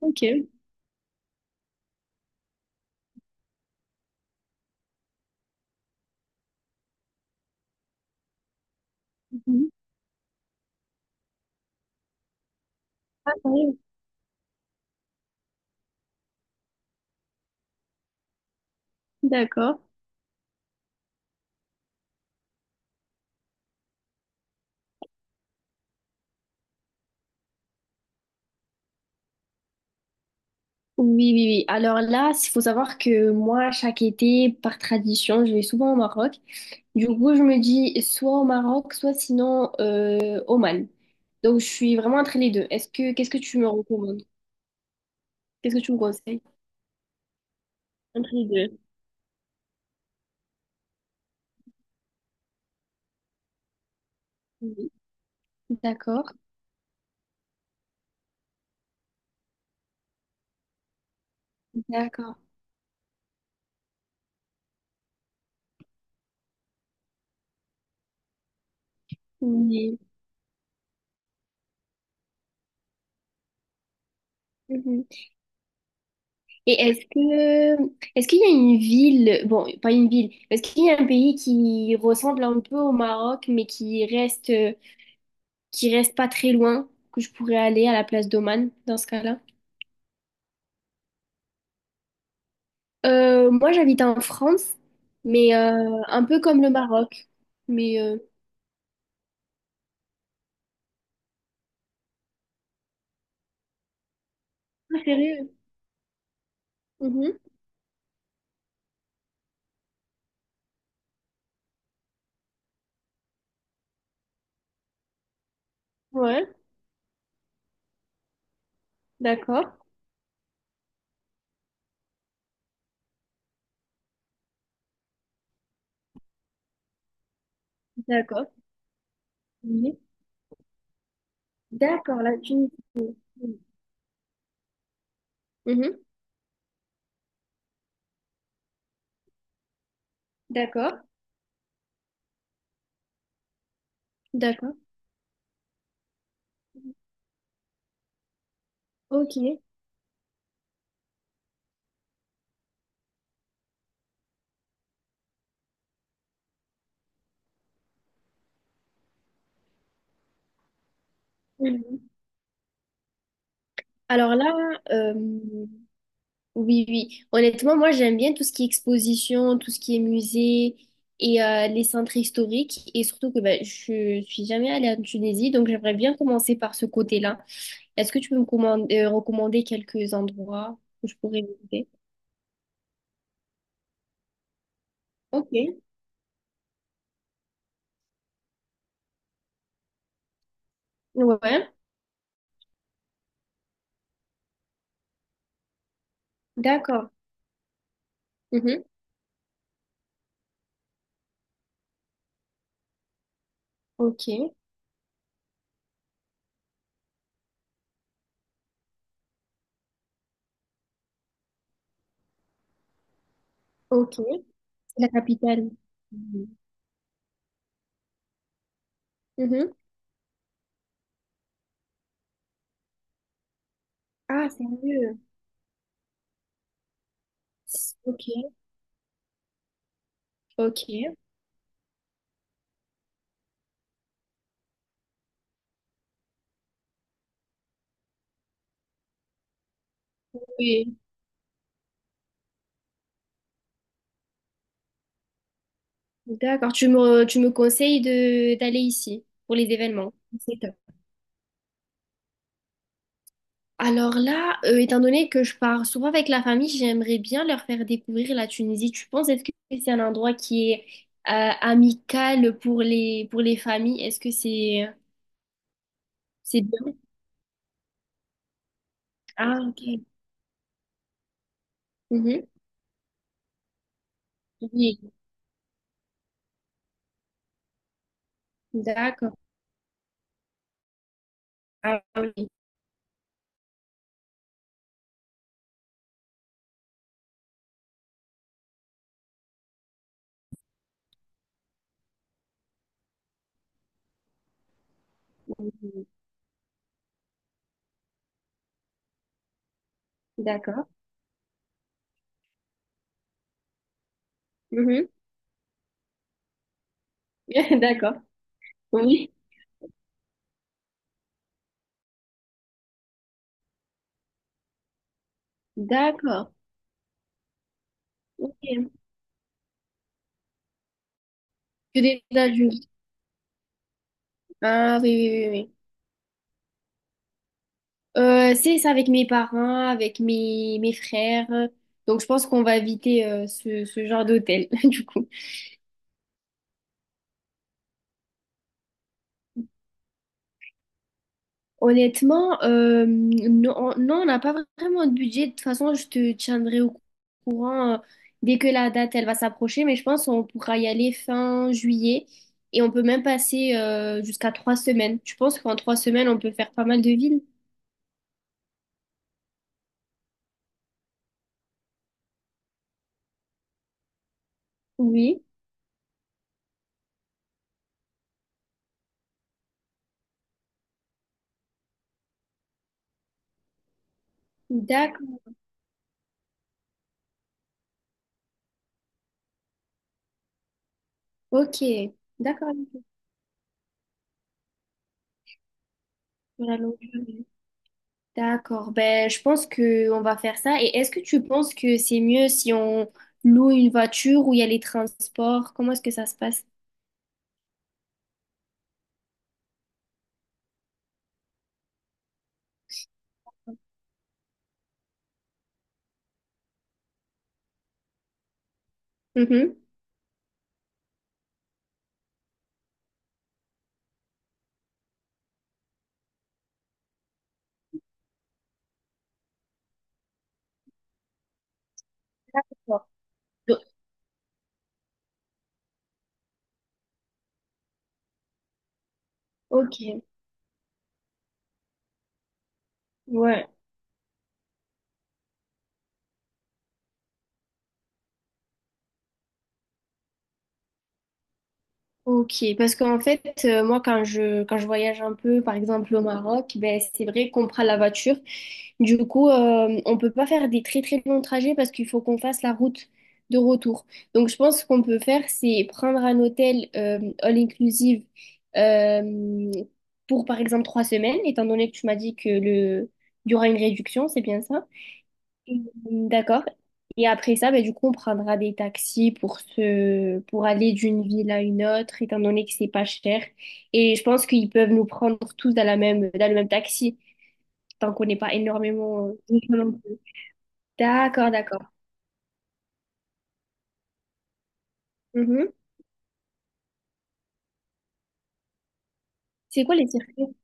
Ok. Mhm. Ah oui, d'accord. Oui, oui, oui. Alors là, il faut savoir que moi, chaque été, par tradition, je vais souvent au Maroc. Du coup, je me dis soit au Maroc, soit sinon Oman. Donc, je suis vraiment entre les deux. Qu'est-ce que tu me recommandes? Qu'est-ce que tu me conseilles? Entre les deux. Oui. D'accord. D'accord. Oui. Mhm. Est-ce qu'il y a une ville, bon, pas une ville, est-ce qu'il y a un pays qui ressemble un peu au Maroc, mais qui reste pas très loin, que je pourrais aller à la place d'Oman dans ce cas-là. Moi, j'habite en France, mais un peu comme le Maroc. Mais préféré. Mhm. Ouais, d'accord, d'accord. Oui. D'accord, la Tunisie. Mhm. D'accord, d'accord. Ok. Alors là, euh, Oui, oui. Honnêtement, moi, j'aime bien tout ce qui est exposition, tout ce qui est musée et les centres historiques. Et surtout que ben, je suis jamais allée en Tunisie, donc j'aimerais bien commencer par ce côté-là. Est-ce que tu peux recommander quelques endroits où je pourrais visiter? Ok. Ouais. D'accord. Mhm. Ok. Ok. C'est la capitale. Mhm. Mhm. Ah, sérieux? Ok. Ok. Oui. D'accord. Tu me conseilles de d'aller ici pour les événements. Alors là, étant donné que je pars souvent avec la famille, j'aimerais bien leur faire découvrir la Tunisie. Tu penses, est-ce que c'est un endroit qui est amical pour pour les familles? Est-ce que c'est bien? Ah, ok. Mhm. Oui, d'accord. Ah oui, d'accord. Mhm. D'accord. Oui, d'accord. Ok. Que des adultes. Ah oui, oui, oui. oui. C'est ça avec mes parents, avec mes frères. Donc je pense qu'on va éviter ce, ce genre d'hôtel, du coup. Honnêtement, non, non, on n'a pas vraiment de budget. De toute façon, je te tiendrai au courant dès que la date, elle va s'approcher. Mais je pense qu'on pourra y aller fin juillet. Et on peut même passer jusqu'à 3 semaines. Je pense qu'en 3 semaines, on peut faire pas mal de villes. Oui, d'accord. Ok, d'accord. Sur la longueur. D'accord, ben, je pense que on va faire ça. Et est-ce que tu penses que c'est mieux si on loue une voiture ou il y a les transports? Comment est-ce que ça se passe? Mhm. D'accord. Donc, ok, ouais. Ok, parce qu'en fait, moi, quand je voyage un peu, par exemple au Maroc, ben, c'est vrai qu'on prend la voiture. Du coup, on peut pas faire des très très longs trajets parce qu'il faut qu'on fasse la route de retour. Donc, je pense qu'on peut faire, c'est prendre un hôtel all inclusive euh, pour, par exemple, 3 semaines, étant donné que tu m'as dit que le, il y aura une réduction, c'est bien ça? Mm, d'accord. Et après ça, ben, du coup, on prendra des taxis pour se, pour aller d'une ville à une autre, étant donné que c'est pas cher. Et je pense qu'ils peuvent nous prendre tous dans dans le même taxi, tant qu'on n'est pas énormément. De gens non plus. D'accord, d'accord. Mhm. C'est quoi les circuits?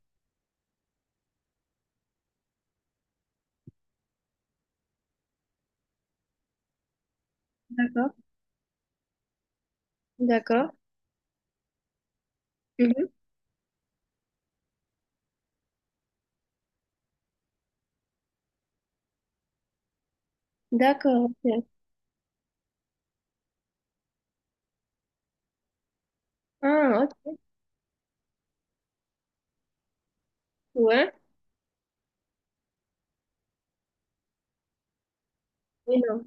D'accord, d'accord. Mhm. D'accord. Ok. Ah, ok. Ouais. Mais non.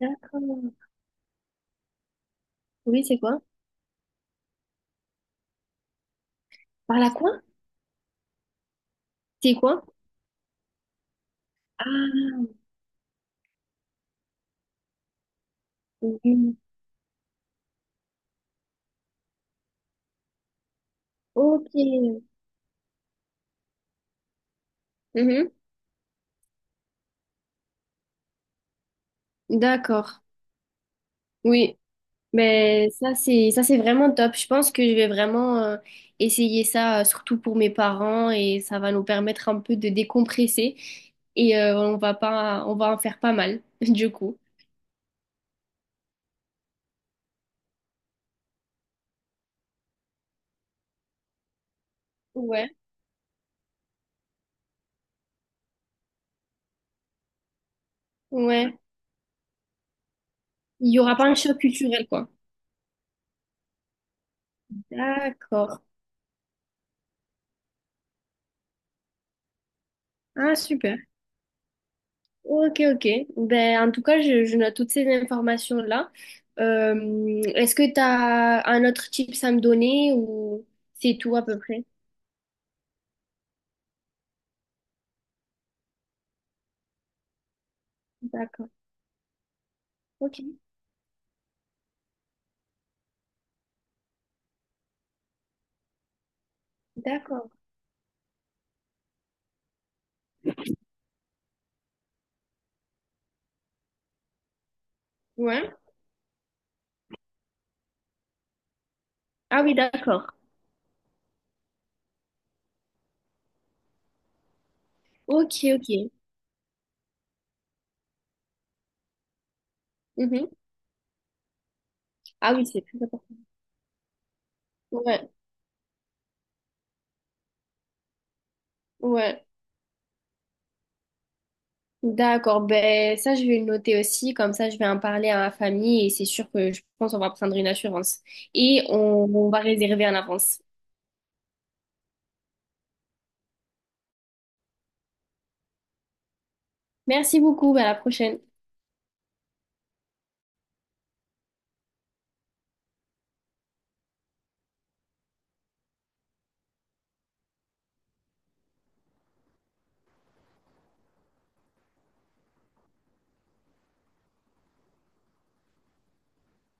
D'accord. Oui, c'est quoi? Par la quoi? C'est quoi? Ah, oui. Ok. Mhm. D'accord. Oui. Mais ça, c'est vraiment top. Je pense que je vais vraiment essayer ça, surtout pour mes parents, et ça va nous permettre un peu de décompresser. Et on va pas, on va en faire pas mal, du coup. Ouais, ouais. Il y aura pas un choc culturel, quoi. D'accord. Ah, super. Ok, ok. Ben, en tout cas, je note toutes ces informations-là. Est-ce que tu as un autre tips à me donner ou c'est tout à peu près? D'accord. Ok. D'accord. Ouais. Ah oui, d'accord. Ok, ok. Mhm. Ah oui, c'est très important. Ouais, ouais. D'accord. Ben, ça, je vais le noter aussi. Comme ça, je vais en parler à ma famille et c'est sûr que je pense qu'on va prendre une assurance. Et on va réserver en avance. Merci beaucoup. Ben, à la prochaine.